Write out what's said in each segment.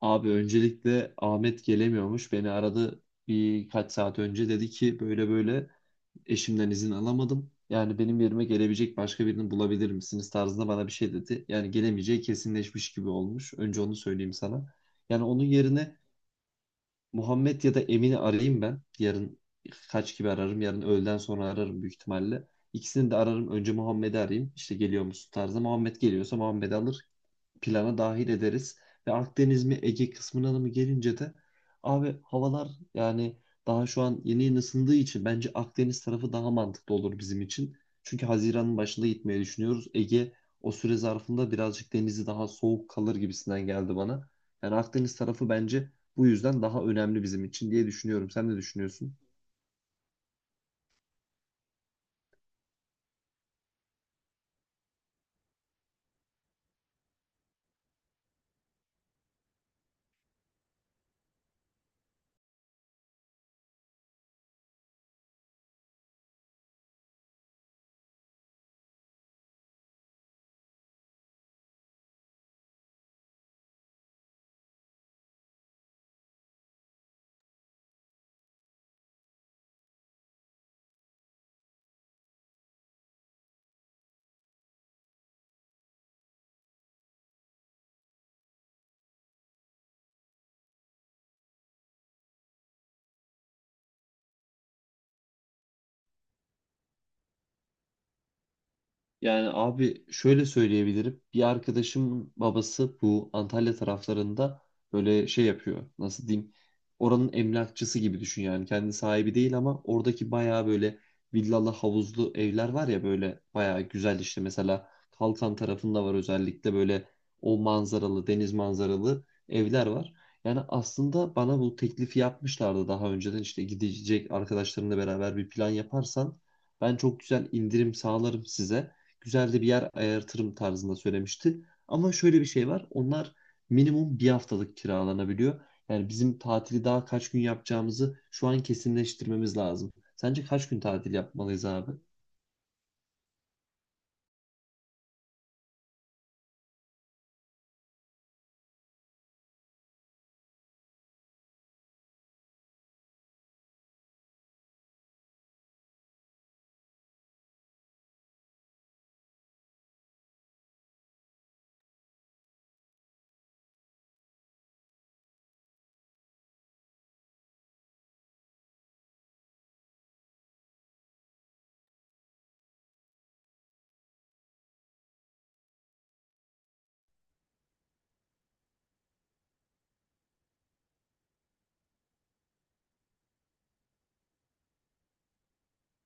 Abi öncelikle Ahmet gelemiyormuş. Beni aradı birkaç saat önce, dedi ki böyle böyle eşimden izin alamadım. Yani benim yerime gelebilecek başka birini bulabilir misiniz tarzında bana bir şey dedi. Yani gelemeyeceği kesinleşmiş gibi olmuş. Önce onu söyleyeyim sana. Yani onun yerine Muhammed ya da Emin'i arayayım ben. Yarın kaç gibi ararım? Yarın öğleden sonra ararım büyük ihtimalle. İkisini de ararım. Önce Muhammed'i arayayım. İşte geliyor musun tarzında. Muhammed geliyorsa Muhammed'i alır plana dahil ederiz. Ve Akdeniz mi Ege kısmına da mı gelince de abi havalar yani daha şu an yeni yeni ısındığı için bence Akdeniz tarafı daha mantıklı olur bizim için. Çünkü Haziran'ın başında gitmeyi düşünüyoruz. Ege o süre zarfında birazcık denizi daha soğuk kalır gibisinden geldi bana. Yani Akdeniz tarafı bence bu yüzden daha önemli bizim için diye düşünüyorum. Sen ne düşünüyorsun? Yani abi şöyle söyleyebilirim. Bir arkadaşımın babası bu Antalya taraflarında böyle şey yapıyor. Nasıl diyeyim? Oranın emlakçısı gibi düşün yani. Kendi sahibi değil ama oradaki bayağı böyle villalı havuzlu evler var ya, böyle bayağı güzel işte. Mesela Kalkan tarafında var, özellikle böyle o manzaralı, deniz manzaralı evler var. Yani aslında bana bu teklifi yapmışlardı daha önceden, işte gidecek arkadaşlarınla beraber bir plan yaparsan ben çok güzel indirim sağlarım size, güzel de bir yer ayartırım tarzında söylemişti. Ama şöyle bir şey var. Onlar minimum bir haftalık kiralanabiliyor. Yani bizim tatili daha kaç gün yapacağımızı şu an kesinleştirmemiz lazım. Sence kaç gün tatil yapmalıyız abi?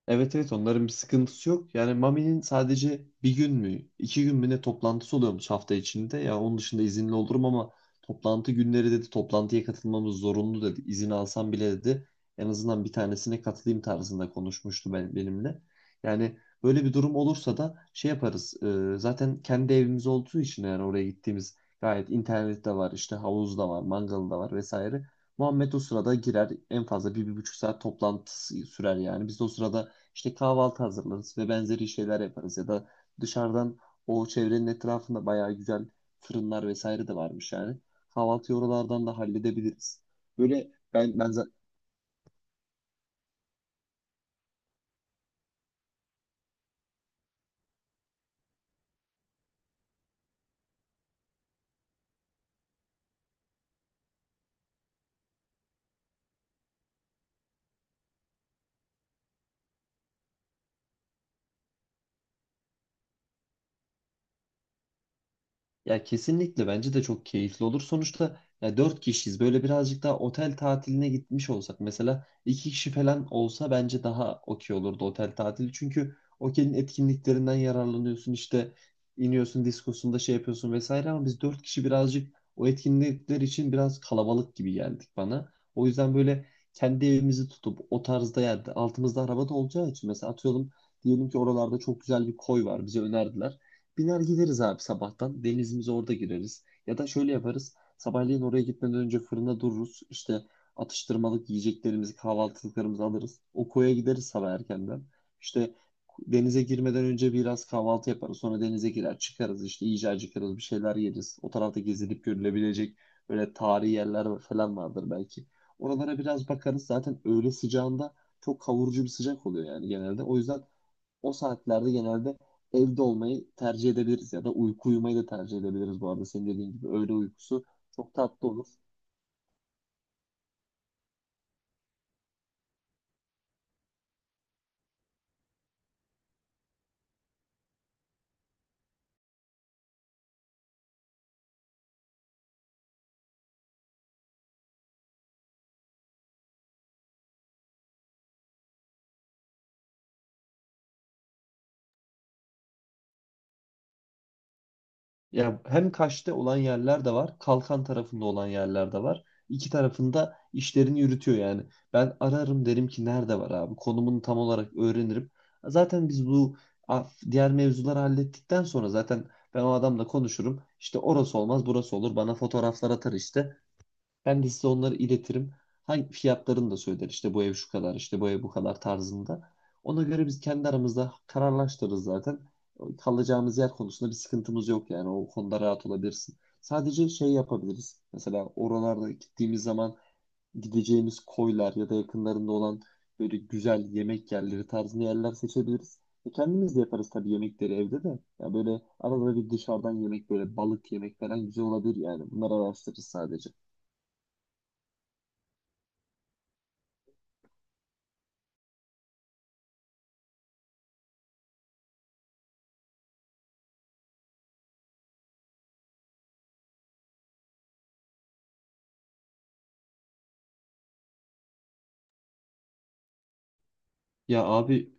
Evet, evet, onların bir sıkıntısı yok. Yani Mami'nin sadece bir gün mü, iki gün mü ne toplantısı oluyormuş hafta içinde. Ya onun dışında izinli olurum ama toplantı günleri dedi, toplantıya katılmamız zorunlu dedi. İzin alsam bile dedi, en azından bir tanesine katılayım tarzında konuşmuştu benimle. Yani böyle bir durum olursa da şey yaparız. Zaten kendi evimiz olduğu için yani oraya gittiğimiz gayet, internet de var, işte havuz da var, mangalı da var vesaire. Muhammed o sırada girer, en fazla bir, bir buçuk saat toplantı sürer yani. Biz de o sırada işte kahvaltı hazırlarız ve benzeri şeyler yaparız, ya da dışarıdan, o çevrenin etrafında bayağı güzel fırınlar vesaire de varmış yani. Kahvaltıyı oralardan da halledebiliriz. Böyle ben ben Ya, kesinlikle bence de çok keyifli olur. Sonuçta ya dört kişiyiz. Böyle birazcık daha otel tatiline gitmiş olsak, mesela iki kişi falan olsa bence daha okey olurdu otel tatili. Çünkü otelin etkinliklerinden yararlanıyorsun işte, iniyorsun diskosunda şey yapıyorsun vesaire, ama biz dört kişi birazcık o etkinlikler için biraz kalabalık gibi geldik bana. O yüzden böyle kendi evimizi tutup o tarzda yerde, altımızda araba da olacağı için, mesela atıyorum diyelim ki oralarda çok güzel bir koy var bize önerdiler. Biner gideriz abi sabahtan. Denizimize orada gireriz. Ya da şöyle yaparız. Sabahleyin oraya gitmeden önce fırında dururuz. İşte atıştırmalık yiyeceklerimizi, kahvaltılıklarımızı alırız. O koya gideriz sabah erkenden. İşte denize girmeden önce biraz kahvaltı yaparız. Sonra denize girer çıkarız. İşte iyice acıkarız. Bir şeyler yeriz. O tarafta gezilip görülebilecek böyle tarihi yerler falan vardır belki. Oralara biraz bakarız. Zaten öğle sıcağında çok kavurucu bir sıcak oluyor yani, genelde. O yüzden o saatlerde genelde evde olmayı tercih edebiliriz ya da uyku uyumayı da tercih edebiliriz bu arada. Senin dediğin gibi öğle uykusu çok tatlı olur. Ya, hem Kaş'ta olan yerler de var, Kalkan tarafında olan yerler de var. İki tarafında işlerini yürütüyor yani. Ben ararım, derim ki nerede var abi? Konumunu tam olarak öğrenirim. Zaten biz bu diğer mevzuları hallettikten sonra zaten ben o adamla konuşurum. İşte orası olmaz, burası olur. Bana fotoğraflar atar işte. Ben de size onları iletirim. Hangi fiyatlarını da söyler. İşte bu ev şu kadar, işte bu ev bu kadar tarzında. Ona göre biz kendi aramızda kararlaştırırız zaten. Kalacağımız yer konusunda bir sıkıntımız yok yani. O konuda rahat olabilirsin. Sadece şey yapabiliriz. Mesela oralarda gittiğimiz zaman gideceğimiz koylar ya da yakınlarında olan böyle güzel yemek yerleri tarzında yerler seçebiliriz. E, kendimiz de yaparız tabii yemekleri evde de. Ya böyle arada bir dışarıdan yemek, böyle balık yemek falan güzel olabilir yani. Bunları araştırırız sadece. Ya abi,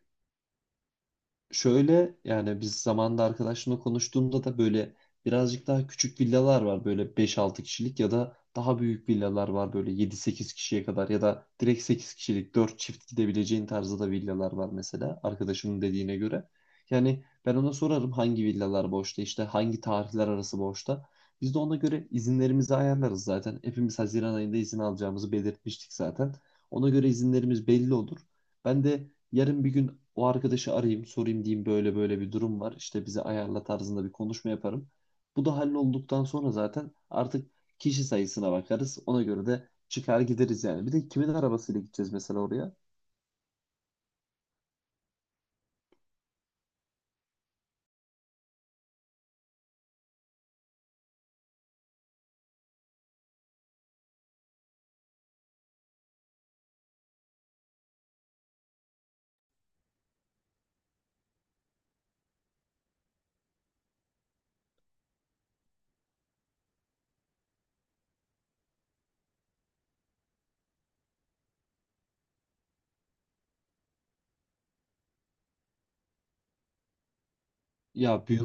şöyle, yani biz zamanında arkadaşımla konuştuğumda da böyle birazcık daha küçük villalar var böyle beş altı kişilik, ya da daha büyük villalar var böyle yedi sekiz kişiye kadar, ya da direkt 8 kişilik 4 çift gidebileceğin tarzda da villalar var mesela arkadaşımın dediğine göre. Yani ben ona sorarım hangi villalar boşta, işte hangi tarihler arası boşta. Biz de ona göre izinlerimizi ayarlarız zaten. Hepimiz Haziran ayında izin alacağımızı belirtmiştik zaten. Ona göre izinlerimiz belli olur. Ben de yarın bir gün o arkadaşı arayayım, sorayım, diyeyim böyle böyle bir durum var. İşte bize ayarla tarzında bir konuşma yaparım. Bu da hallolduktan sonra zaten artık kişi sayısına bakarız. Ona göre de çıkar gideriz yani. Bir de kimin arabasıyla gideceğiz mesela oraya? Ya büyük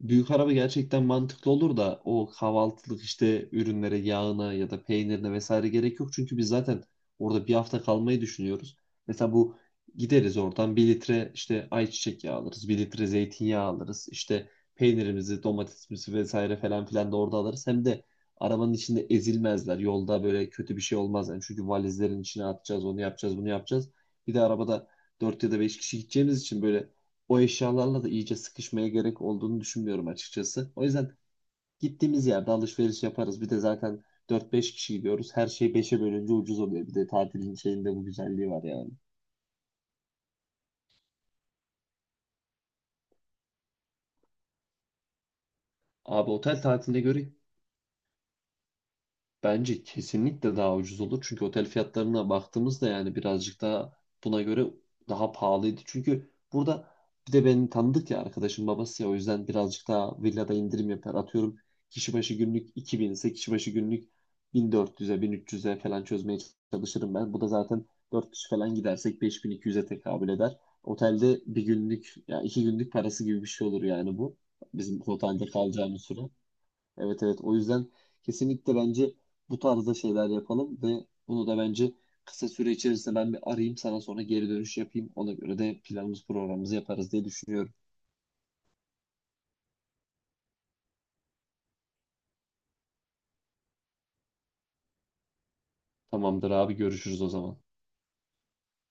büyük araba gerçekten mantıklı olur da, o kahvaltılık işte ürünlere, yağına ya da peynirine vesaire gerek yok. Çünkü biz zaten orada bir hafta kalmayı düşünüyoruz. Mesela bu gideriz oradan bir litre işte ayçiçek yağı alırız, bir litre zeytinyağı alırız. İşte peynirimizi, domatesimizi vesaire falan filan da orada alırız. Hem de arabanın içinde ezilmezler. Yolda böyle kötü bir şey olmaz. Yani, çünkü valizlerin içine atacağız, onu yapacağız, bunu yapacağız. Bir de arabada 4 ya da 5 kişi gideceğimiz için böyle o eşyalarla da iyice sıkışmaya gerek olduğunu düşünmüyorum açıkçası. O yüzden gittiğimiz yerde alışveriş yaparız. Bir de zaten dört beş kişi gidiyoruz. Her şey 5'e bölünce ucuz oluyor. Bir de tatilin şeyinde bu güzelliği var yani. Abi otel tatiline göre, bence kesinlikle daha ucuz olur. Çünkü otel fiyatlarına baktığımızda yani birazcık daha, buna göre daha pahalıydı. Çünkü burada bir de beni tanıdık ya, arkadaşım babası ya, o yüzden birazcık daha villada indirim yapar. Atıyorum kişi başı günlük 2000 ise, kişi başı günlük 1400'e, 1300'e falan çözmeye çalışırım ben. Bu da zaten 4 kişi falan gidersek 5200'e tekabül eder. Otelde bir günlük ya iki günlük parası gibi bir şey olur yani bu. Bizim otelde kalacağımız süre. Evet, evet, o yüzden kesinlikle bence bu tarzda şeyler yapalım, ve bunu da bence kısa süre içerisinde ben bir arayayım sana, sonra geri dönüş yapayım. Ona göre de planımız programımızı yaparız diye düşünüyorum. Tamamdır abi, görüşürüz o zaman.